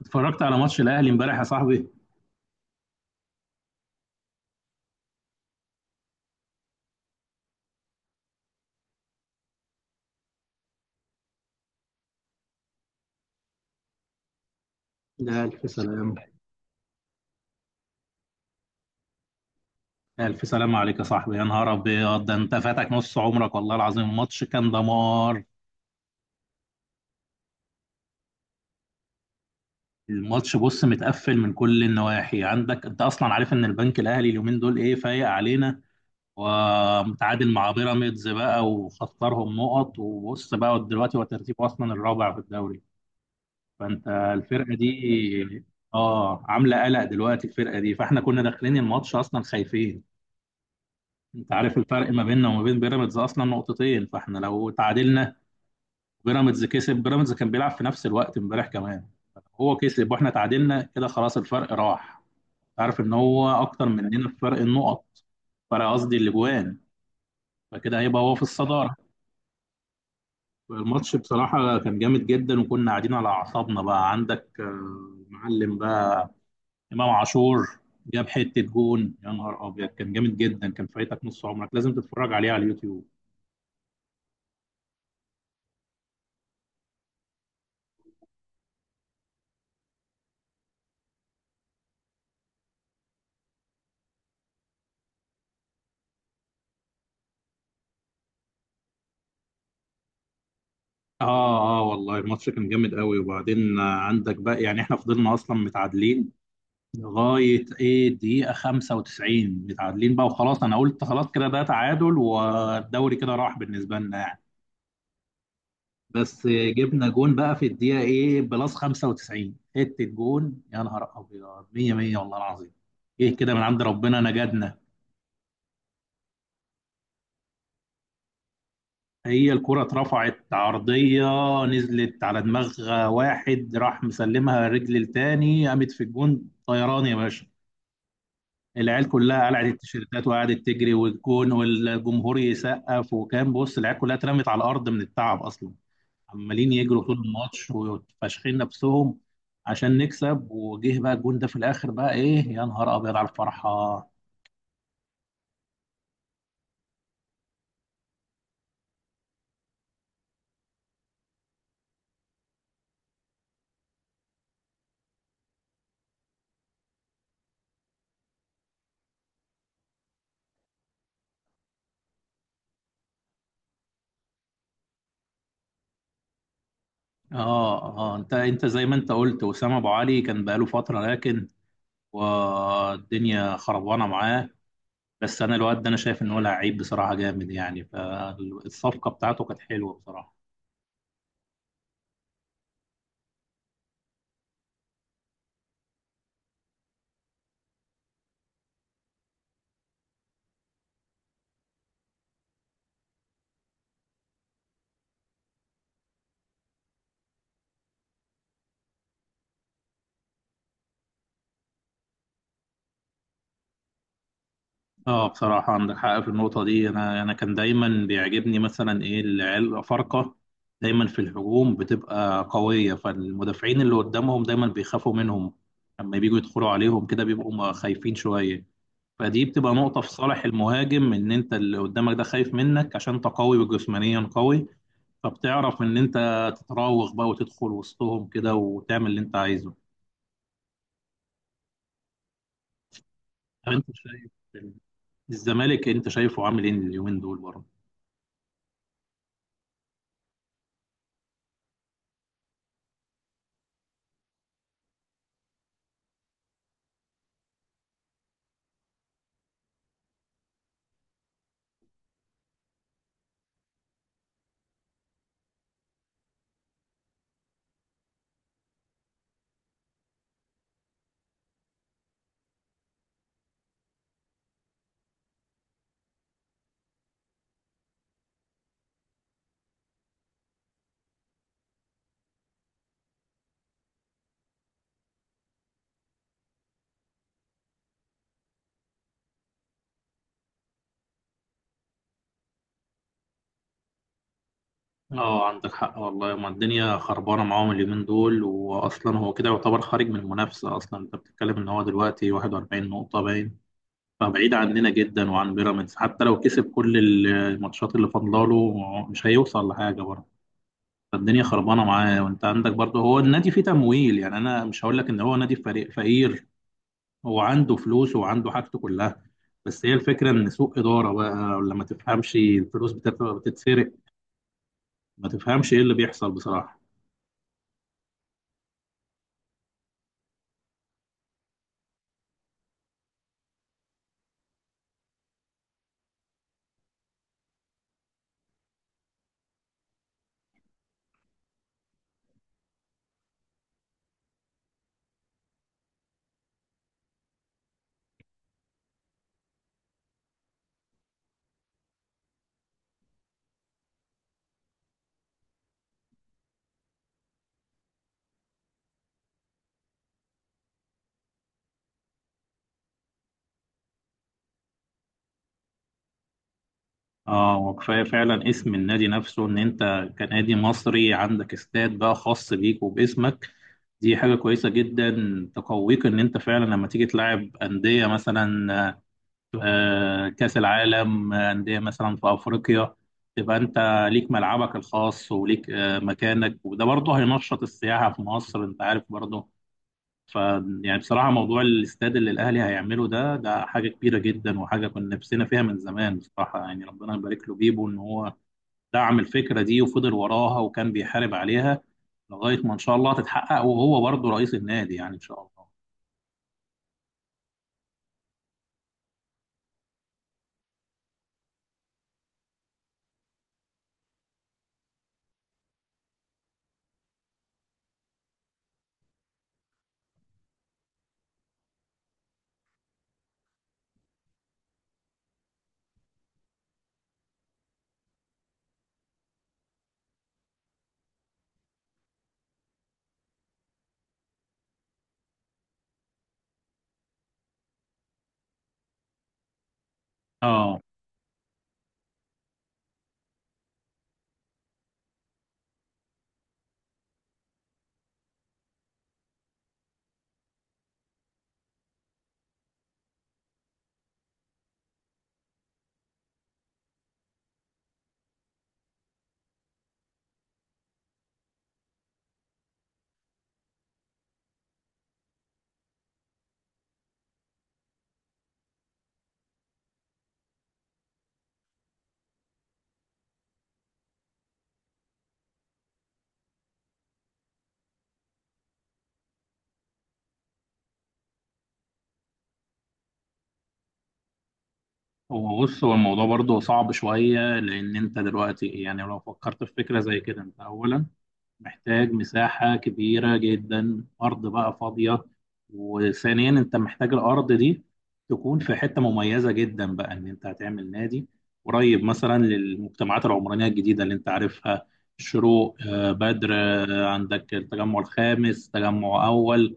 اتفرجت على ماتش الاهلي امبارح يا صاحبي. لا، ألف سلام. الف سلام عليك يا صاحبي، يا نهار ابيض، ده انت فاتك نص عمرك والله العظيم. الماتش كان دمار. الماتش بص متقفل من كل النواحي، عندك انت اصلا عارف ان البنك الاهلي اليومين دول ايه فايق علينا، ومتعادل مع بيراميدز بقى وخسرهم نقط. وبص بقى دلوقتي هو ترتيبه اصلا الرابع في الدوري، فانت الفرقه دي اه عامله قلق دلوقتي. الفرقه دي فاحنا كنا داخلين الماتش اصلا خايفين. انت عارف الفرق ما بيننا وما بين بيراميدز اصلا نقطتين، فاحنا لو تعادلنا بيراميدز كسب. بيراميدز كان بيلعب في نفس الوقت امبارح كمان، هو كسب واحنا تعادلنا، كده خلاص الفرق راح. عارف ان هو اكتر مننا في فرق النقط، فرق قصدي الاجوان. فكده هيبقى هو في الصدارة. الماتش بصراحة كان جامد جدا وكنا قاعدين على اعصابنا بقى. عندك معلم بقى، امام عاشور جاب حتة جون، يا نهار ابيض كان جامد جدا، كان فايتك نص عمرك، لازم تتفرج عليه على اليوتيوب. اه، اه والله الماتش كان جامد قوي. وبعدين عندك بقى، يعني احنا فضلنا اصلا متعادلين لغايه دقيقه 95، متعادلين بقى وخلاص. انا قلت خلاص كده ده تعادل والدوري كده راح بالنسبه لنا يعني. بس جبنا جون بقى في الدقيقه بلس 95، حته جون يا نهار ابيض، 100 100 والله العظيم. ايه كده من عند ربنا نجدنا. هي الكرة اترفعت عرضية، نزلت على دماغ واحد، راح مسلمها رجل التاني، قامت في الجون طيران يا باشا. العيال كلها قلعت التيشيرتات وقعدت تجري، والجون والجمهور يسقف، وكان بص العيال كلها اترمت على الارض من التعب اصلا، عمالين يجروا طول الماتش وفاشخين نفسهم عشان نكسب. وجه بقى الجون ده في الاخر بقى ايه، يا نهار ابيض على الفرحه. اه، اه انت زي ما انت قلت وسام ابو علي كان بقاله فتره، لكن والدنيا خربانه معاه. بس انا الواد ده انا شايف ان هو لعيب بصراحه جامد، يعني فالصفقه بتاعته كانت حلوه بصراحه. اه بصراحة عندك حق في النقطة دي. أنا كان دايما بيعجبني مثلا إيه، العيال فرقة دايما في الهجوم بتبقى قوية، فالمدافعين اللي قدامهم دايما بيخافوا منهم. لما بييجوا يدخلوا عليهم كده بيبقوا خايفين شوية. فدي بتبقى نقطة في صالح المهاجم، إن أنت اللي قدامك ده خايف منك عشان أنت قوي وجسمانيا قوي. فبتعرف إن أنت تتراوغ بقى وتدخل وسطهم كده وتعمل اللي أنت عايزه. طب أنت شايف الزمالك، أنت شايفه عامل إيه اليومين دول برضه؟ اه عندك حق والله، ما الدنيا خربانه معاهم اليومين دول، واصلا هو كده يعتبر خارج من المنافسه اصلا. انت بتتكلم ان هو دلوقتي 41 نقطه باين، فبعيد عننا جدا وعن بيراميدز. حتى لو كسب كل الماتشات اللي فاضلاله مش هيوصل لحاجه برضه. فالدنيا خربانه معاه. وانت عندك برضه، هو النادي فيه تمويل، يعني انا مش هقول لك ان هو نادي فريق فقير، هو عنده فلوس وعنده حاجته كلها. بس هي الفكره ان سوء اداره بقى، ولا ما تفهمش، الفلوس بتتسرق، ما تفهمش ايه اللي بيحصل بصراحه. اه وكفايه فعلا اسم النادي نفسه، ان انت كنادي مصري عندك استاد بقى خاص بيك وباسمك، دي حاجه كويسه جدا تقويك. ان انت فعلا لما تيجي تلعب انديه مثلا كاس العالم، انديه مثلا في افريقيا، تبقى انت ليك ملعبك الخاص وليك مكانك. وده برضه هينشط السياحه في مصر، انت عارف برضه. ف يعني بصراحة موضوع الاستاد اللي الأهلي هيعمله ده، ده حاجة كبيرة جدا وحاجة كنا نفسنا فيها من زمان بصراحة. يعني ربنا يبارك له بيبو، إن هو دعم الفكرة دي وفضل وراها وكان بيحارب عليها لغاية ما إن شاء الله تتحقق، وهو برضه رئيس النادي، يعني إن شاء الله. آه، هو بص هو الموضوع برضه صعب شوية. لأن أنت دلوقتي يعني لو فكرت في فكرة زي كده، أنت أولا محتاج مساحة كبيرة جدا، أرض بقى فاضية. وثانيا أنت محتاج الأرض دي تكون في حتة مميزة جدا بقى، إن أنت هتعمل نادي قريب مثلا للمجتمعات العمرانية الجديدة اللي أنت عارفها، الشروق بدر، عندك التجمع الخامس، تجمع أول،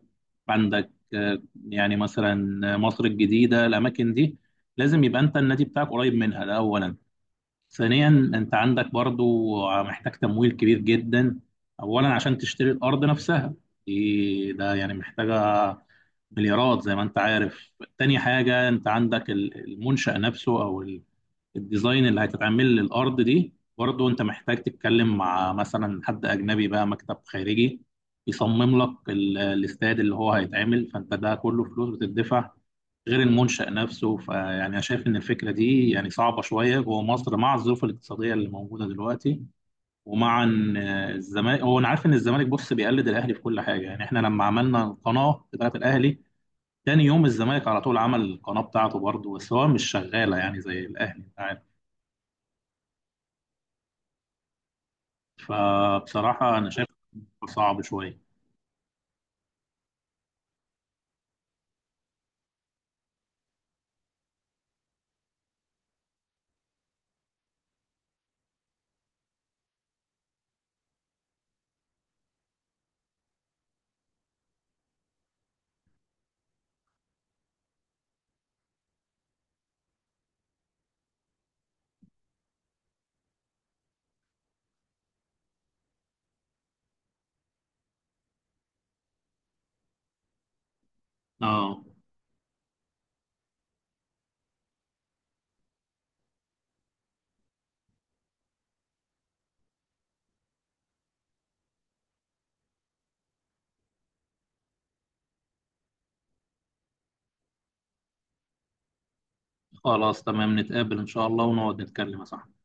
عندك يعني مثلا مصر الجديدة، الأماكن دي لازم يبقى أنت النادي بتاعك قريب منها. ده أولا. ثانيا، انت عندك برضو، محتاج تمويل كبير جدا، اولا عشان تشتري الارض نفسها، دي ده يعني محتاجه مليارات زي ما انت عارف. تاني حاجه انت عندك المنشأ نفسه، او الديزاين اللي هتتعمل للأرض دي، برضه أنت محتاج تتكلم مع مثلا حد أجنبي بقى، مكتب خارجي يصمم لك الاستاد اللي هو هيتعمل، فأنت ده كله فلوس بتدفع غير المنشأ نفسه. فيعني أنا شايف إن الفكرة دي يعني صعبة شوية جوه مصر مع الظروف الاقتصادية اللي موجودة دلوقتي. ومع إن الزمالك، هو أنا عارف إن الزمالك بص بيقلد الأهلي في كل حاجة، يعني إحنا لما عملنا القناة بتاعت الأهلي تاني يوم الزمالك على طول عمل القناة بتاعته برضه، بس هو مش شغالة يعني زي الأهلي، أنت عارف. فبصراحة أنا شايف صعب شوية. اه، خلاص تمام، نتقابل إن شاء الله ونقعد نتكلم يا صاحبي.